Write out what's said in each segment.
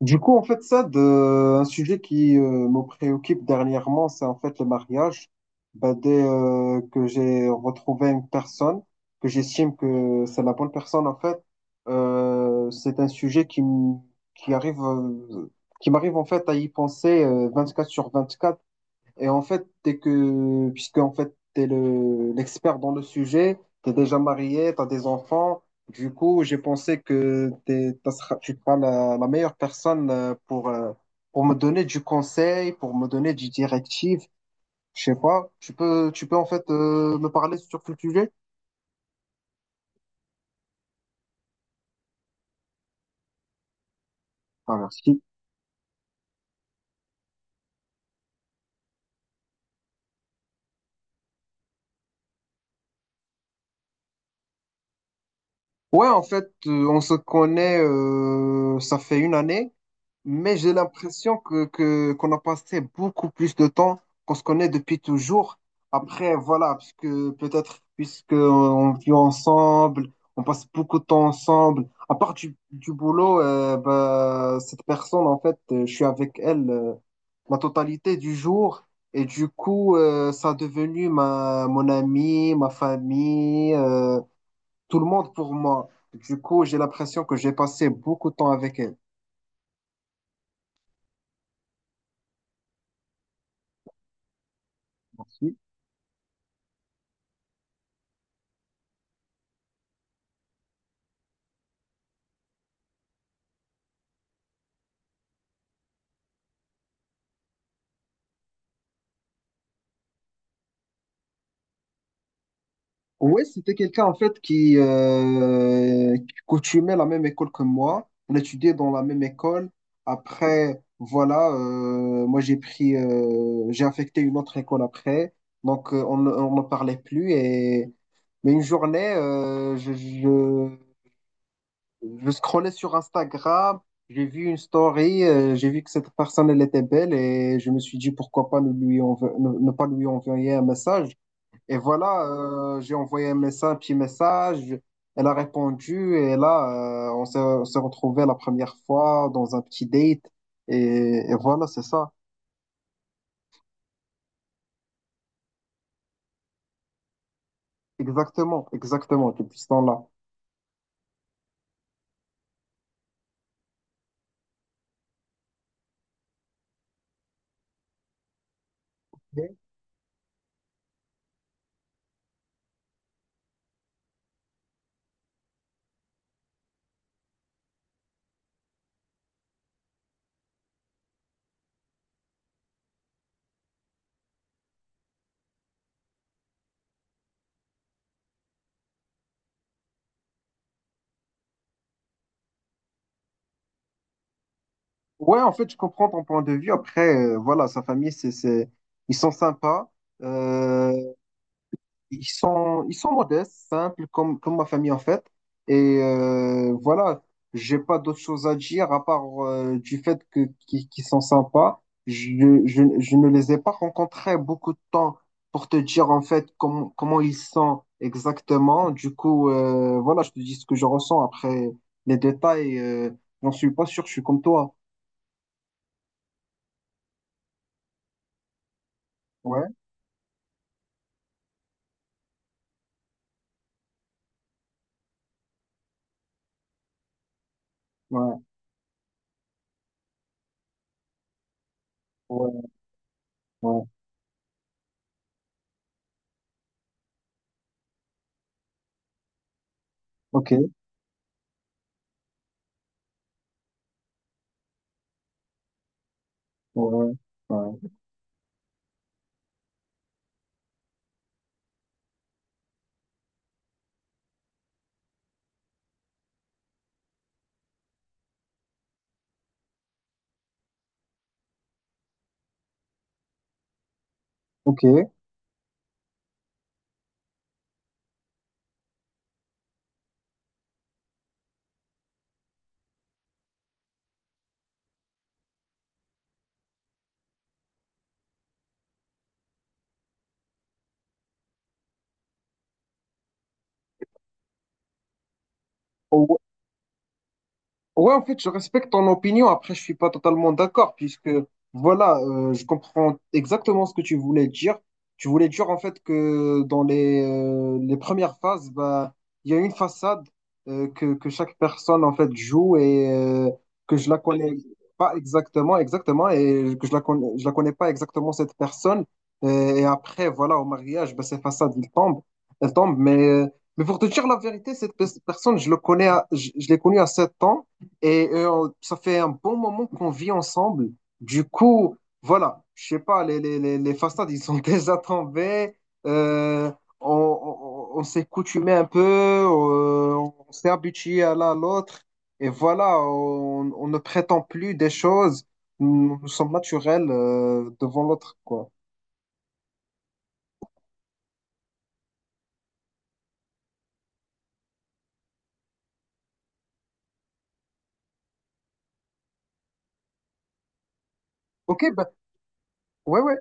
Du coup, en fait, ça, un sujet qui me préoccupe dernièrement, c'est en fait le mariage. Bah, dès que j'ai retrouvé une personne, que j'estime que c'est la bonne personne, en fait, c'est un sujet qui, qui arrive, qui m'arrive en fait à y penser 24 sur 24. Et en fait, t'es que, puisque en fait, l'expert dans le sujet, t'es déjà marié, t'as des enfants. Du coup, j'ai pensé que tu seras la meilleure personne pour me donner du conseil, pour me donner du directive. Je sais pas. Tu peux en fait me parler sur ce sujet? Ah, merci. Ouais, en fait, on se connaît, ça fait une année. Mais j'ai l'impression qu'on a passé beaucoup plus de temps qu'on se connaît depuis toujours. Après, voilà, parce que peut-être puisqu'on vit ensemble, on passe beaucoup de temps ensemble. À part du boulot, bah, cette personne, en fait, je suis avec elle la totalité du jour. Et du coup, ça a devenu mon ami, ma famille, tout le monde pour moi. Du coup, j'ai l'impression que j'ai passé beaucoup de temps avec elle. Merci. Ouais, c'était quelqu'un en fait qui coutumait la même école que moi. On étudiait dans la même école. Après, voilà, moi j'ai pris, j'ai affecté une autre école après. Donc on, on ne parlait plus. Et... Mais une journée, je scrollais sur Instagram, j'ai vu une story, j'ai vu que cette personne elle était belle et je me suis dit pourquoi pas ne pas lui envoyer un message. Et voilà, j'ai envoyé un message, un petit message. Elle a répondu et là, on s'est retrouvés la première fois dans un petit date. Et, et voilà, c'est ça. Exactement, exactement, depuis ce temps-là. Ok. Ouais, en fait, je comprends ton point de vue. Après, voilà, sa famille, ils sont sympas. Euh, ils sont modestes, simples, comme ma famille en fait. Et voilà, j'ai pas d'autre chose à dire à part du fait que qu'ils sont sympas. Je je, ne les ai pas rencontrés beaucoup de temps pour te dire en fait comment ils sont exactement. Du coup, voilà, je te dis ce que je ressens. Après les détails, j'en suis pas sûr, je suis comme toi. Ouais, ouais, ouais, ouais. Ok, ouais, ouais. Ouais. Ok. Ouais, en fait, je respecte ton opinion. Après, je suis pas totalement d'accord puisque, voilà, je comprends exactement ce que tu voulais dire. Tu voulais dire, en fait, que dans les premières phases, bah, il y a une façade que chaque personne, en fait, joue et que je la connais pas exactement, exactement, et que je la connais pas exactement cette personne. Et, après, voilà, au mariage, bah, ces façades, ils tombent, elles tombent. Mais pour te dire la vérité, cette personne, je le connais, je l'ai connue à 7 ans. Et ça fait un bon moment qu'on vit ensemble. Du coup, voilà, je sais pas, les façades, ils sont déjà tombés. Euh, on on s'est coutumé un peu, on s'est habitué à l'un à l'autre. Et voilà, on ne prétend plus des choses. Nous, nous sommes naturels devant l'autre, quoi. Ok, ben, ouais, ouais.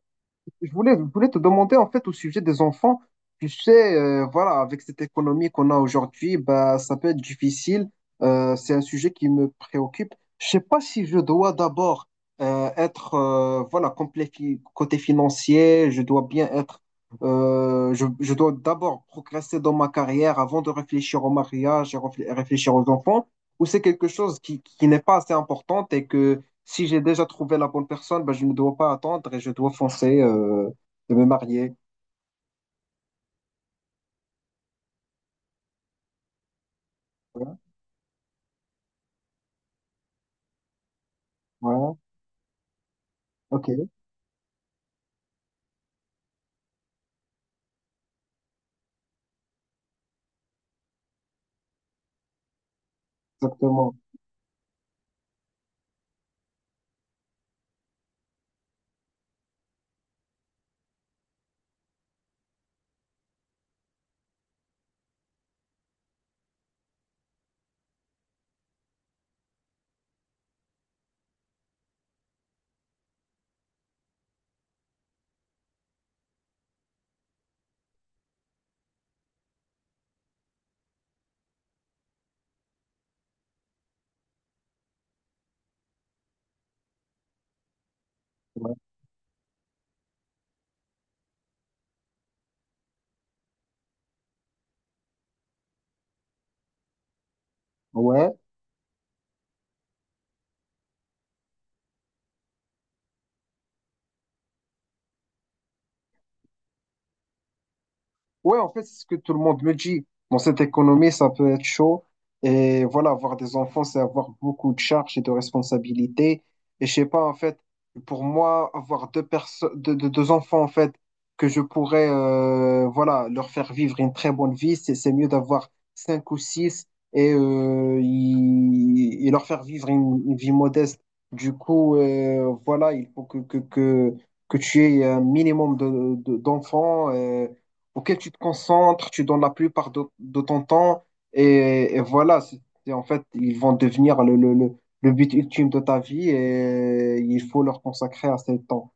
Je voulais te demander en fait au sujet des enfants. Tu sais, voilà, avec cette économie qu'on a aujourd'hui, bah, ça peut être difficile. C'est un sujet qui me préoccupe. Je sais pas si je dois d'abord être voilà complet côté financier. Je dois bien être. Je dois d'abord progresser dans ma carrière avant de réfléchir au mariage et réfléchir aux enfants. Ou c'est quelque chose qui n'est pas assez importante et que si j'ai déjà trouvé la bonne personne, ben, je ne dois pas attendre et je dois foncer et me marier. Ouais, ouais, ok, exactement. Ouais. Ouais. Ouais, en fait, c'est ce que tout le monde me dit. Dans cette économie, ça peut être chaud. Et voilà, avoir des enfants, c'est avoir beaucoup de charges et de responsabilités. Et je sais pas, en fait, pour moi, avoir deux personnes, deux enfants, en fait, que je pourrais, voilà, leur faire vivre une très bonne vie, c'est mieux d'avoir cinq ou six et, et leur faire vivre une vie modeste. Du coup, voilà, il faut que tu aies un minimum de, d'enfants. Auquel tu te concentres, tu donnes la plupart de ton temps, et voilà, c'est en fait, ils vont devenir le but ultime de ta vie et il faut leur consacrer assez de temps.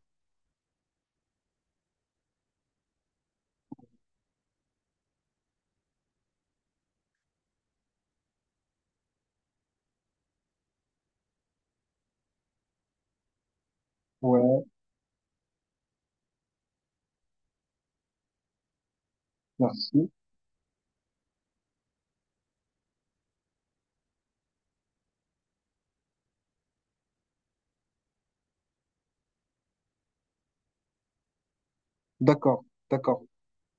Ouais, merci. D'accord, d'accord.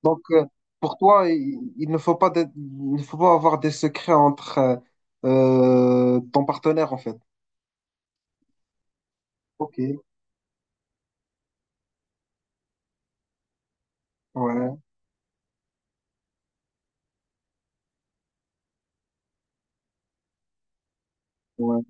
Donc, pour toi, il ne faut pas il ne faut pas avoir des secrets entre ton partenaire, en fait. Ok, ouais, ouais,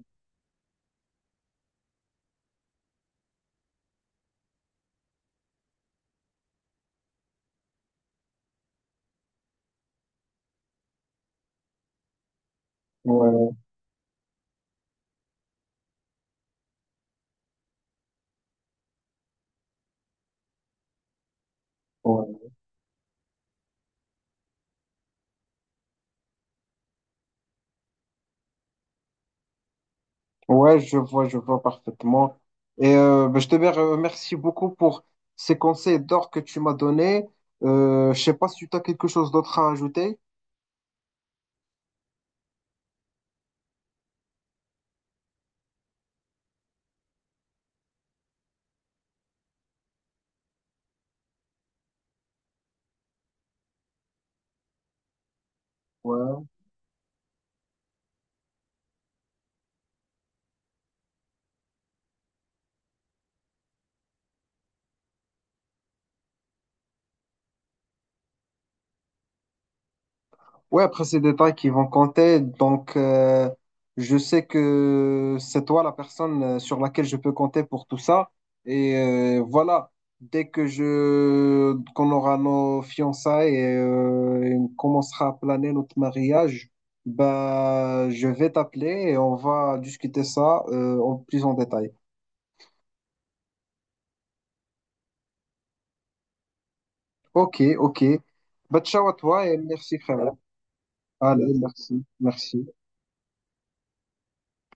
ouais, ouais. Ouais, je vois parfaitement. Et ben, je te remercie beaucoup pour ces conseils d'or que tu m'as donnés. Je sais pas si tu as quelque chose d'autre à ajouter. Ouais, Ouais, après, ces détails qui vont compter. Donc, je sais que c'est toi la personne sur laquelle je peux compter pour tout ça. Et voilà, dès que je qu'on aura nos fiançailles et on commencera à planer notre mariage, bah, je vais t'appeler et on va discuter ça en plus en détail. Ok, ok. Bah, ciao à toi et merci, frère. Allez, merci, merci.